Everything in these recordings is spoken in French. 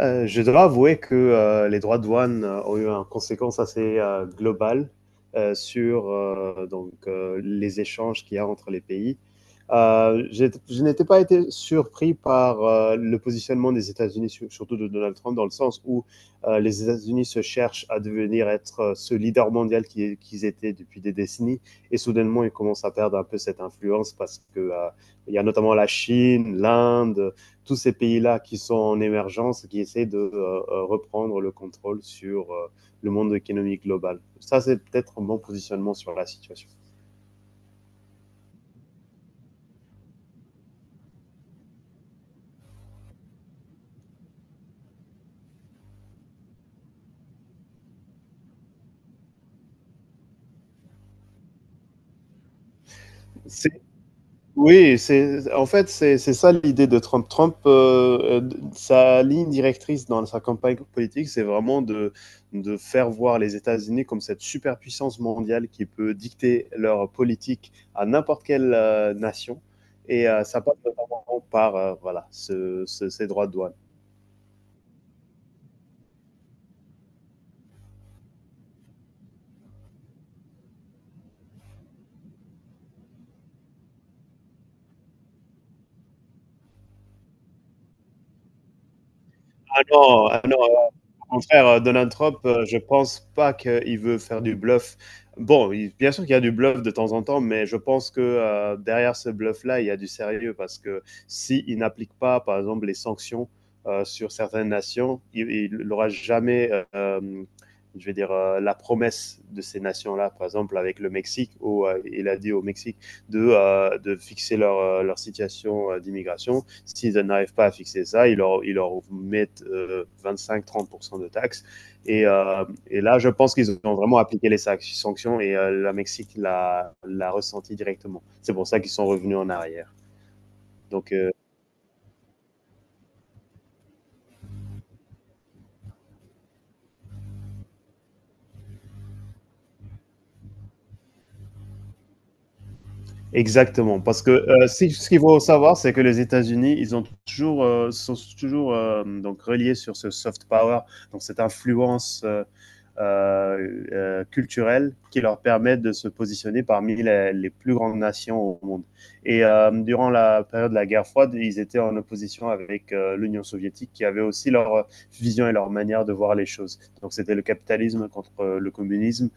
Je dois avouer que les droits de douane ont eu une conséquence assez globale sur donc, les échanges qu'il y a entre les pays. Je n'étais pas été surpris par le positionnement des États-Unis, surtout de Donald Trump, dans le sens où les États-Unis se cherchent à devenir être ce leader mondial qu'ils étaient depuis des décennies, et soudainement ils commencent à perdre un peu cette influence parce que il y a notamment la Chine, l'Inde, tous ces pays-là qui sont en émergence, qui essaient de reprendre le contrôle sur le monde économique global. Ça, c'est peut-être un bon positionnement sur la situation. Oui, en fait, c'est ça l'idée de Trump. Trump, sa ligne directrice dans sa campagne politique, c'est vraiment de faire voir les États-Unis comme cette superpuissance mondiale qui peut dicter leur politique à n'importe quelle nation. Et ça passe notamment par voilà, ces droits de douane. Ah non, ah non, au contraire, Donald Trump, je pense pas qu'il veut faire du bluff. Bon, bien sûr qu'il y a du bluff de temps en temps, mais je pense que derrière ce bluff-là, il y a du sérieux parce que s'il n'applique pas, par exemple, les sanctions sur certaines nations, il n'aura jamais, je vais dire, la promesse de ces nations-là, par exemple avec le Mexique, où il a dit au Mexique de fixer leur situation d'immigration. S'ils n'arrivent pas à fixer ça, ils leur mettent 25-30% de taxes. Et, là, je pense qu'ils ont vraiment appliqué les sanctions et la Mexique l'a ressenti directement. C'est pour ça qu'ils sont revenus en arrière. Donc, euh, Exactement, parce que ce qu'il faut savoir, c'est que les États-Unis, sont toujours donc reliés sur ce soft power, donc cette influence culturelle qui leur permet de se positionner parmi les plus grandes nations au monde. Et durant la période de la guerre froide, ils étaient en opposition avec l'Union soviétique, qui avait aussi leur vision et leur manière de voir les choses. Donc c'était le capitalisme contre le communisme.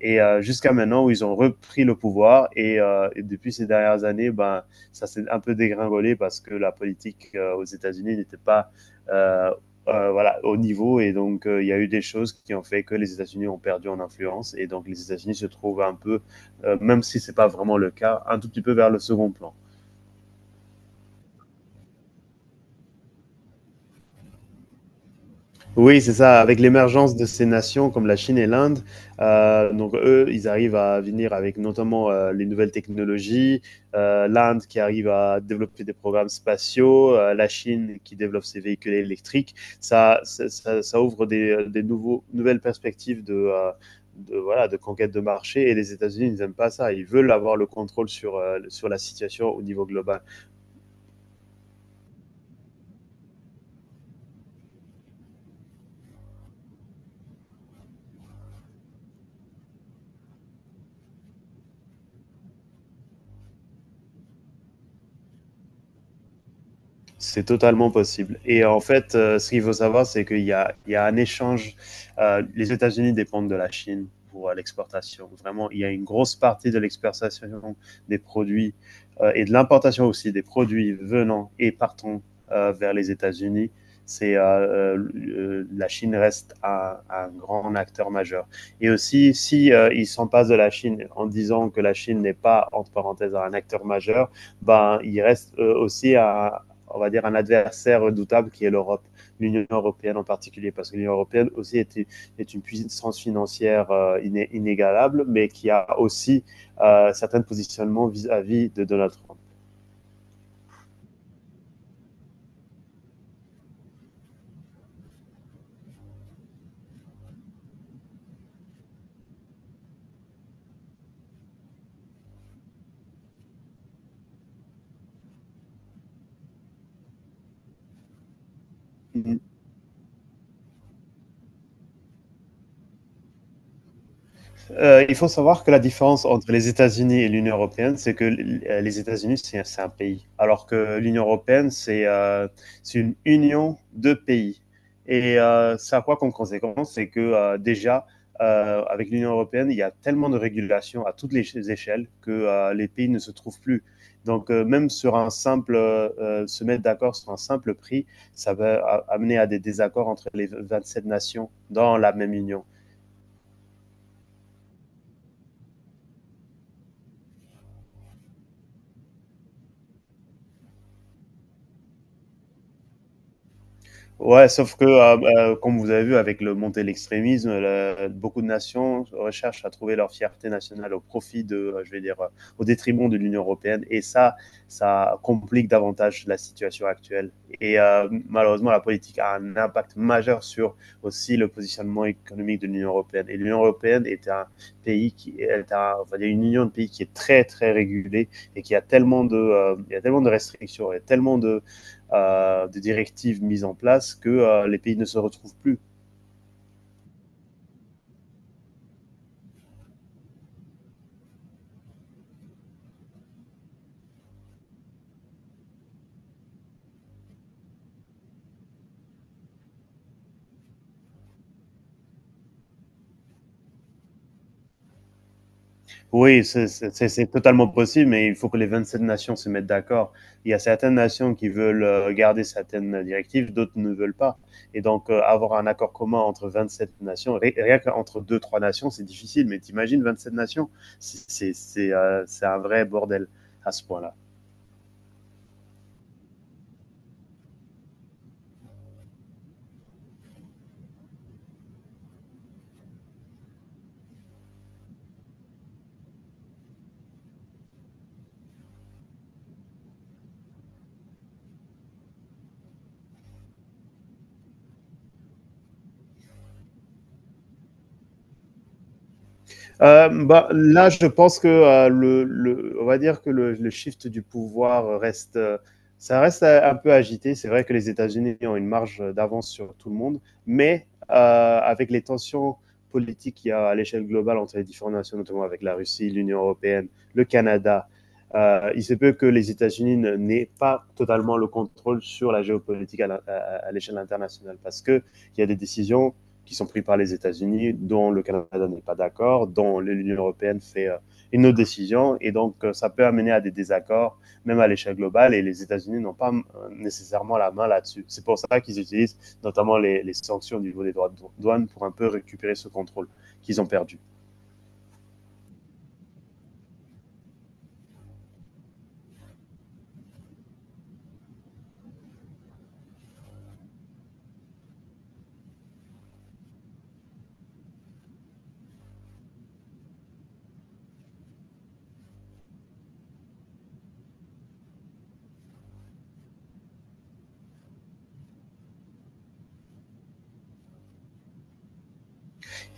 Et jusqu'à maintenant, où ils ont repris le pouvoir. Et, depuis ces dernières années, ben, ça s'est un peu dégringolé parce que la politique aux États-Unis n'était pas euh, voilà, au niveau. Et donc, il y a eu des choses qui ont fait que les États-Unis ont perdu en influence. Et donc, les États-Unis se trouvent un peu, même si ce n'est pas vraiment le cas, un tout petit peu vers le second plan. Oui, c'est ça. Avec l'émergence de ces nations comme la Chine et l'Inde, donc eux, ils arrivent à venir avec notamment les nouvelles technologies. L'Inde qui arrive à développer des programmes spatiaux, la Chine qui développe ses véhicules électriques. Ça ouvre des nouvelles perspectives de, voilà, de conquête de marché. Et les États-Unis, ils n'aiment pas ça. Ils veulent avoir le contrôle sur la situation au niveau global. C'est totalement possible. Et en fait, ce qu'il faut savoir, c'est qu'il y a un échange. Les États-Unis dépendent de la Chine pour l'exportation. Vraiment, il y a une grosse partie de l'exportation des produits et de l'importation aussi des produits venant et partant vers les États-Unis. C'est La Chine reste un grand acteur majeur. Et aussi, si ils s'en passent de la Chine en disant que la Chine n'est pas entre parenthèses un acteur majeur, ben, il reste aussi un, on va dire, un adversaire redoutable qui est l'Europe, l'Union européenne en particulier, parce que l'Union européenne aussi est une puissance financière inégalable, mais qui a aussi certains positionnements vis-à-vis de Donald Trump. Il faut savoir que la différence entre les États-Unis et l'Union européenne, c'est que les États-Unis, c'est un pays, alors que l'Union européenne, c'est une union de pays. Et ça a quoi comme conséquence? C'est que déjà, avec l'Union européenne, il y a tellement de régulations à toutes les échelles que les pays ne se trouvent plus. Donc, même se mettre d'accord sur un simple prix, ça va amener à des désaccords entre les 27 nations dans la même union. Ouais, sauf que, comme vous avez vu, avec le montée de l'extrémisme, beaucoup de nations recherchent à trouver leur fierté nationale au profit de, je vais dire, au détriment de l'Union européenne. Et ça complique davantage la situation actuelle. Et malheureusement, la politique a un impact majeur sur aussi le positionnement économique de l'Union européenne. Et l'Union européenne est un pays qui est un, on va dire une union de pays qui est très, très régulée et qui a tellement il y a tellement de restrictions, il y a tellement de des directives mises en place que les pays ne se retrouvent plus. Oui, c'est totalement possible, mais il faut que les 27 nations se mettent d'accord. Il y a certaines nations qui veulent garder certaines directives, d'autres ne veulent pas. Et donc, avoir un accord commun entre 27 nations, rien qu'entre deux trois nations, c'est difficile, mais t'imagines 27 nations, c'est un vrai bordel à ce point-là. Bah, là, je pense que on va dire que le shift du pouvoir ça reste un peu agité. C'est vrai que les États-Unis ont une marge d'avance sur tout le monde, mais avec les tensions politiques qu'il y a à l'échelle globale entre les différentes nations, notamment avec la Russie, l'Union européenne, le Canada, il se peut que les États-Unis n'aient pas totalement le contrôle sur la géopolitique à l'échelle internationale parce que il y a des décisions qui sont pris par les États-Unis, dont le Canada n'est pas d'accord, dont l'Union européenne fait une autre décision. Et donc, ça peut amener à des désaccords, même à l'échelle globale. Et les États-Unis n'ont pas nécessairement la main là-dessus. C'est pour ça qu'ils utilisent notamment les sanctions au niveau des droits de douane pour un peu récupérer ce contrôle qu'ils ont perdu.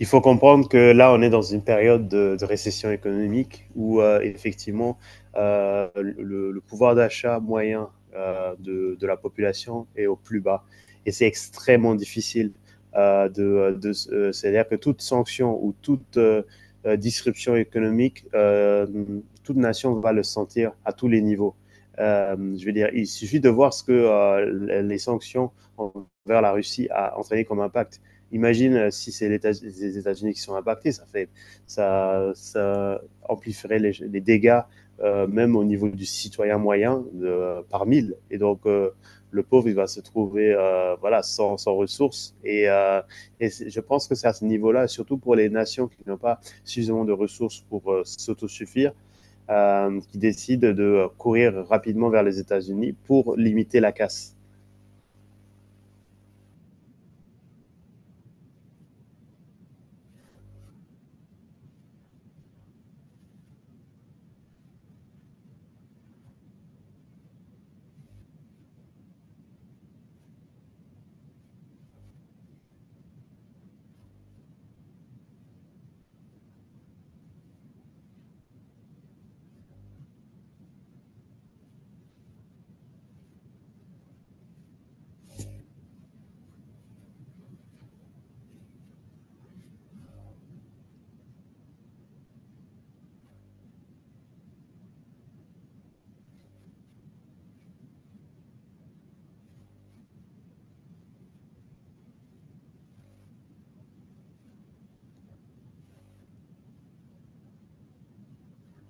Il faut comprendre que là, on est dans une période de récession économique où effectivement pouvoir d'achat moyen la population est au plus bas. Et c'est extrêmement difficile. De C'est-à-dire que toute sanction ou toute disruption économique, toute nation va le sentir à tous les niveaux. Je veux dire, il suffit de voir ce que les sanctions envers la Russie a entraîné comme impact. Imagine si c'est États les États-Unis qui sont impactés, ça amplifierait les dégâts même au niveau du citoyen moyen de, par mille. Et donc le pauvre il va se trouver voilà sans ressources. Et, je pense que c'est à ce niveau-là, surtout pour les nations qui n'ont pas suffisamment de ressources pour s'autosuffire, qui décident de courir rapidement vers les États-Unis pour limiter la casse.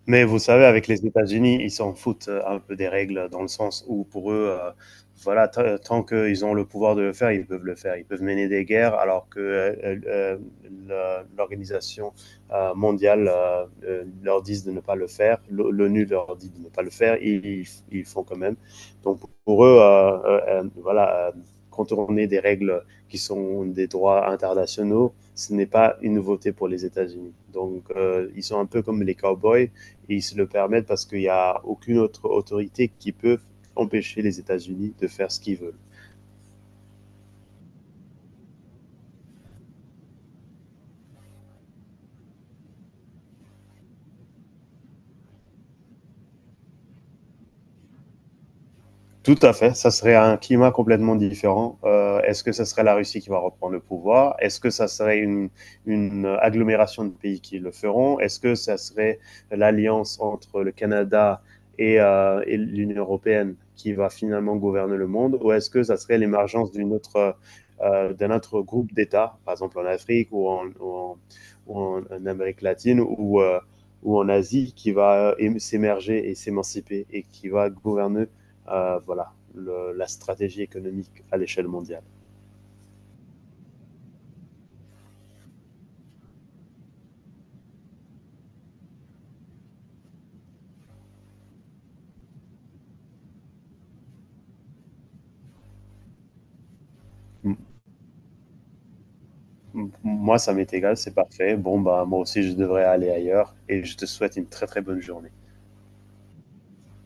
Mais vous savez, avec les États-Unis, ils s'en foutent un peu des règles, dans le sens où pour eux, voilà, tant qu'ils ont le pouvoir de le faire, ils peuvent le faire. Ils peuvent mener des guerres, alors que l'organisation mondiale leur dit de ne pas le faire, l'ONU leur dit de ne pas le faire, ils font quand même. Donc pour eux, voilà, contourner des règles qui sont des droits internationaux, ce n'est pas une nouveauté pour les États-Unis. Donc ils sont un peu comme les cowboys et ils se le permettent parce qu'il n'y a aucune autre autorité qui peut empêcher les États-Unis de faire ce qu'ils veulent. Tout à fait, ça serait un climat complètement différent. Est-ce que ça serait la Russie qui va reprendre le pouvoir? Est-ce que ça serait une agglomération de pays qui le feront? Est-ce que ça serait l'alliance entre le Canada et l'Union européenne qui va finalement gouverner le monde? Ou est-ce que ça serait l'émergence d'un autre groupe d'États, par exemple en Afrique ou en, Amérique latine ou en Asie qui va s'émerger et s'émanciper et qui va gouverner voilà, la stratégie économique à l'échelle mondiale. Moi, ça m'est égal, c'est parfait. Bon, bah, moi aussi, je devrais aller ailleurs et je te souhaite une très très bonne journée.